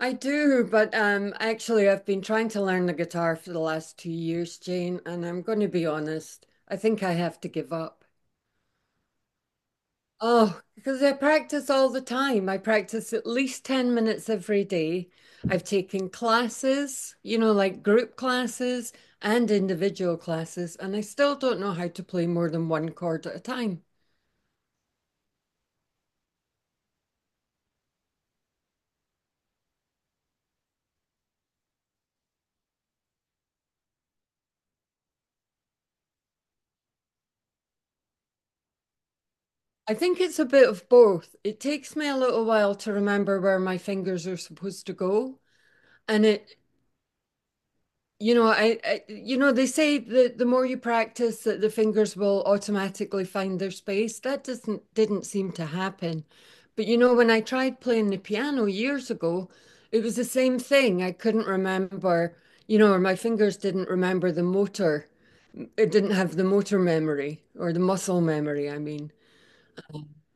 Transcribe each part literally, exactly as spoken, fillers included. I do, but um, actually, I've been trying to learn the guitar for the last two years, Jane, and I'm going to be honest, I think I have to give up. Oh, because I practice all the time. I practice at least ten minutes every day. I've taken classes, you know, like group classes and individual classes, and I still don't know how to play more than one chord at a time. I think it's a bit of both. It takes me a little while to remember where my fingers are supposed to go. And it You know, I, I you know, they say that the more you practice that the fingers will automatically find their space. That doesn't didn't seem to happen. But you know, when I tried playing the piano years ago, it was the same thing. I couldn't remember, you know, or my fingers didn't remember the motor. It didn't have the motor memory or the muscle memory, I mean.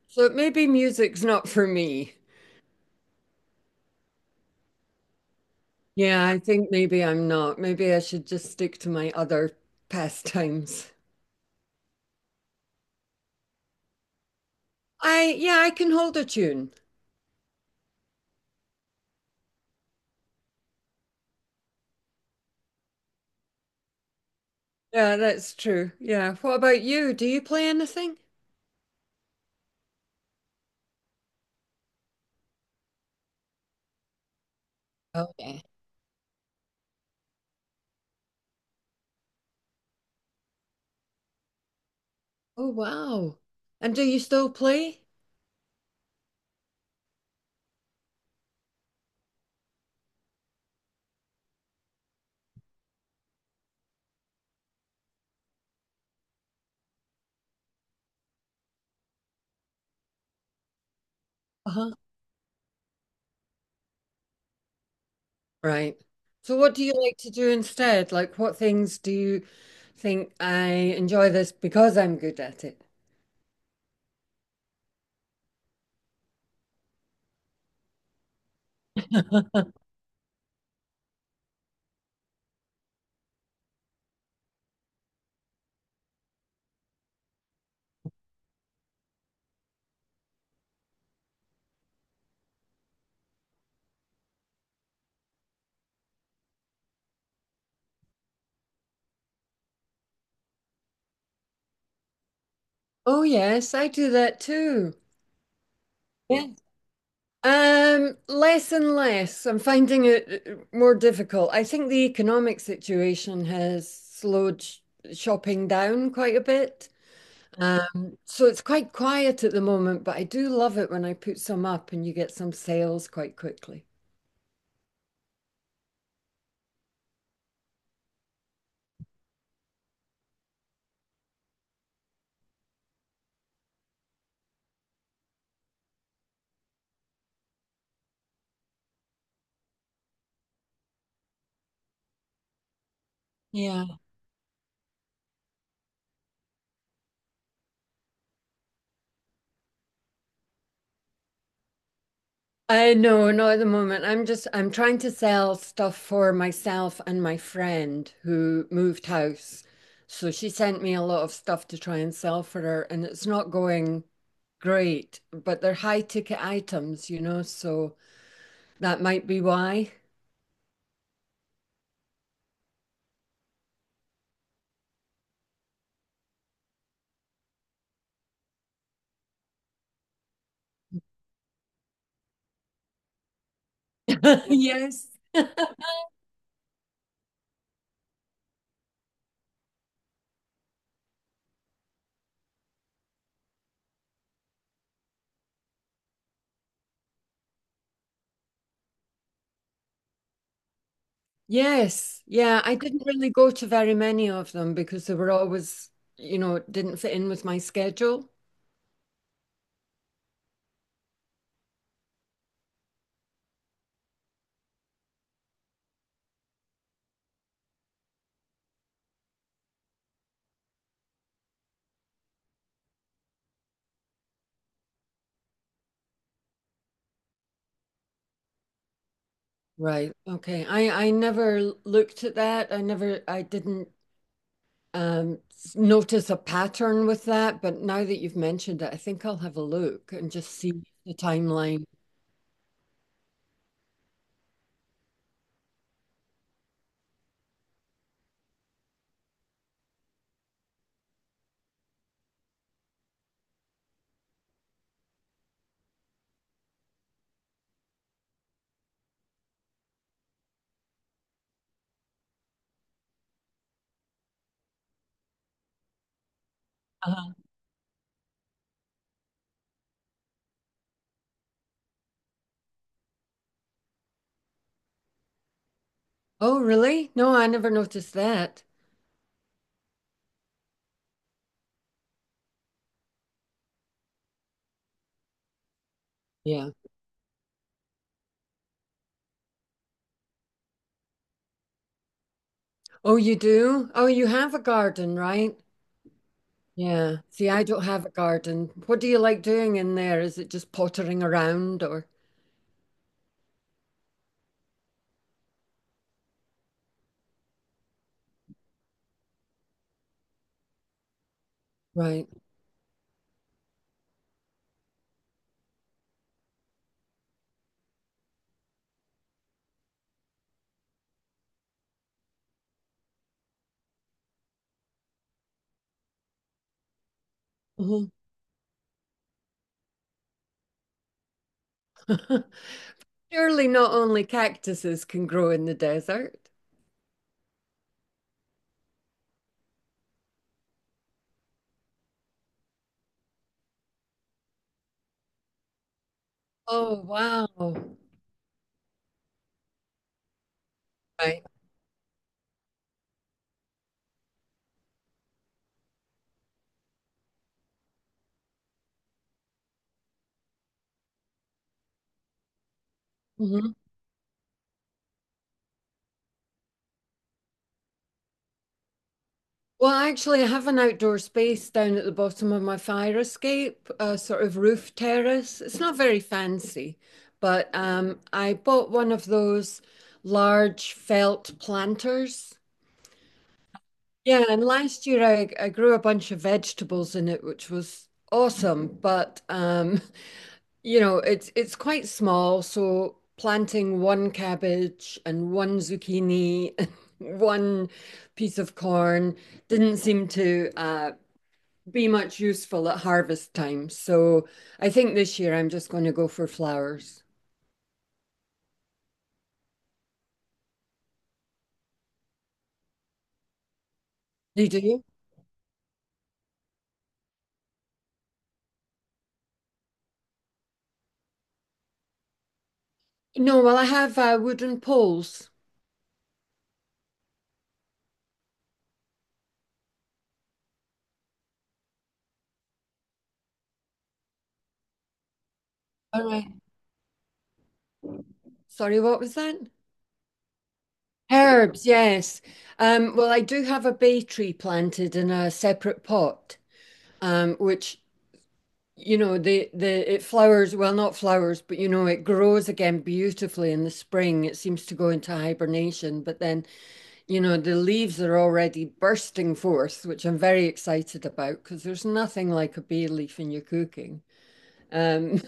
So maybe music's not for me. Yeah, I think maybe I'm not. Maybe I should just stick to my other pastimes. I yeah, I can hold a tune. Yeah, that's true. Yeah. What about you? Do you play anything? Okay. Oh wow. And do you still play? Uh-huh. Right. So what do you like to do instead? Like what things do you think I enjoy this because I'm good at it? Oh yes, I do that too. Yeah. Um, less and less. I'm finding it uh, more difficult. I think the economic situation has slowed sh shopping down quite a bit. Um, so it's quite quiet at the moment, but I do love it when I put some up and you get some sales quite quickly. Yeah. I know, not at the moment. I'm just I'm trying to sell stuff for myself and my friend who moved house. So she sent me a lot of stuff to try and sell for her, and it's not going great, but they're high ticket items, you know, so that might be why. Yes. Yes, yeah, I didn't really go to very many of them because they were always, you know, it didn't fit in with my schedule. Right. Okay. I I never l- looked at that. I never I didn't um s- notice a pattern with that, but now that you've mentioned it, I think I'll have a look and just see the timeline. Uh-huh. Oh, really? No, I never noticed that. Yeah. Oh, you do? Oh, you have a garden, right? Yeah. See, I don't have a garden. What do you like doing in there? Is it just pottering around or? Right. Mhm. Surely not only cactuses can grow in the desert. Oh, wow. Right. Hmm. Well, actually, I have an outdoor space down at the bottom of my fire escape, a sort of roof terrace. It's not very fancy, but um, I bought one of those large felt planters. Yeah, and last year I, I grew a bunch of vegetables in it, which was awesome. But um, you know, it's it's quite small, so planting one cabbage and one zucchini and one piece of corn didn't seem to uh, be much useful at harvest time. So I think this year I'm just going to go for flowers. Do You do? You? No, well, I have uh, wooden poles. All right. Sorry, what was that? Herbs, yes. Um, well, I do have a bay tree planted in a separate pot, um, which you know the the it flowers, well, not flowers, but you know, it grows again beautifully in the spring. It seems to go into hibernation, but then you know the leaves are already bursting forth, which I'm very excited about because there's nothing like a bay leaf in your cooking. Um,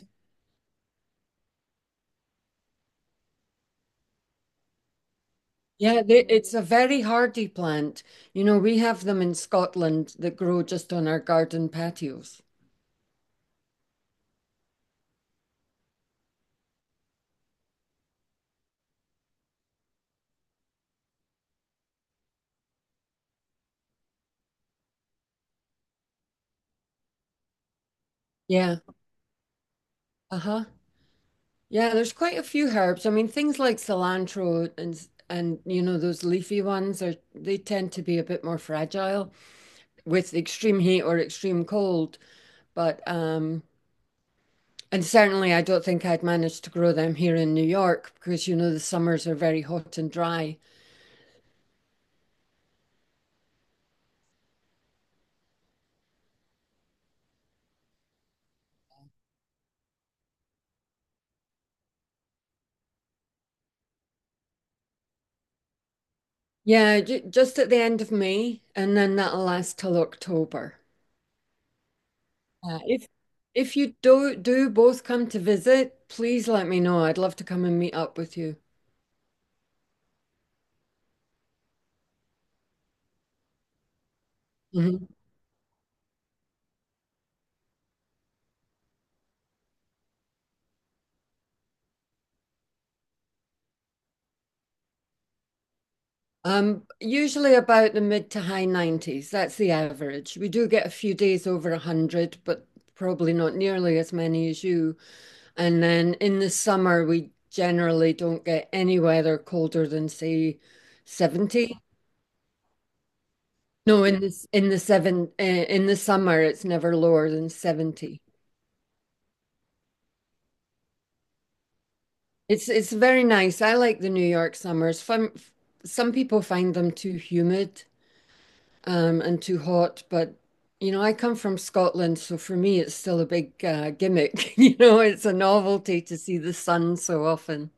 yeah, they, it's a very hardy plant. You know, we have them in Scotland that grow just on our garden patios. Yeah. Uh-huh. Yeah, there's quite a few herbs. I mean, things like cilantro and s- and you know those leafy ones are they tend to be a bit more fragile with extreme heat or extreme cold. But um and certainly I don't think I'd manage to grow them here in New York because you know the summers are very hot and dry. Yeah, j Just at the end of May and then that'll last till October. Uh, if if you do do both come to visit, please let me know. I'd love to come and meet up with you. Mm-hmm. Um, usually about the mid to high nineties. That's the average. We do get a few days over a hundred, but probably not nearly as many as you. And then in the summer, we generally don't get any weather colder than, say, seventy. No, in this in the seven uh, in the summer, it's never lower than seventy. It's it's very nice. I like the New York summers. Fun, some people find them too humid, um, and too hot. But you know, I come from Scotland, so for me, it's still a big uh, gimmick. You know, it's a novelty to see the sun so often.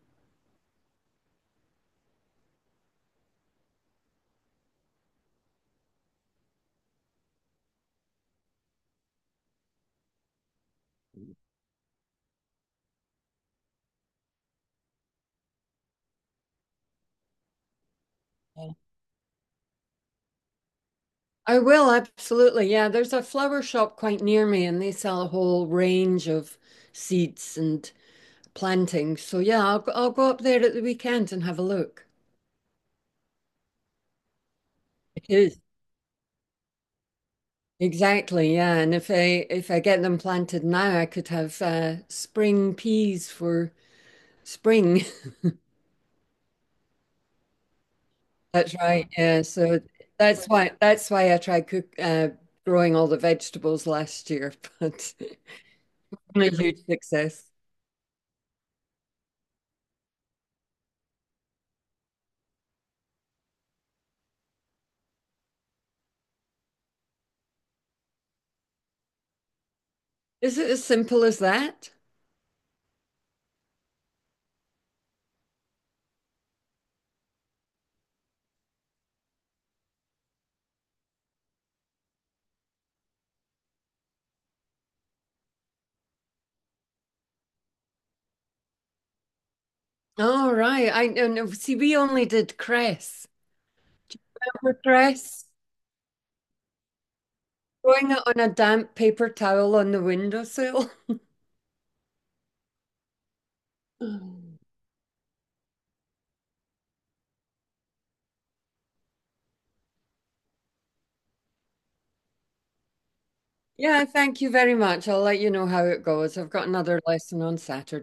I will absolutely. Yeah, there's a flower shop quite near me, and they sell a whole range of seeds and plantings. So yeah, I'll go- I'll go up there at the weekend and have a look. It is. Exactly, yeah. And if I if I get them planted now, I could have uh, spring peas for spring. That's right. Yeah. So that's why that's why I tried cook uh, growing all the vegetables last year, but it's been a huge success. Is it as simple as that? Oh, right. I no, no. See, we only did cress. Remember cress? Throwing it on a damp paper towel on the windowsill. Yeah, thank you very much. I'll let you know how it goes. I've got another lesson on Saturday.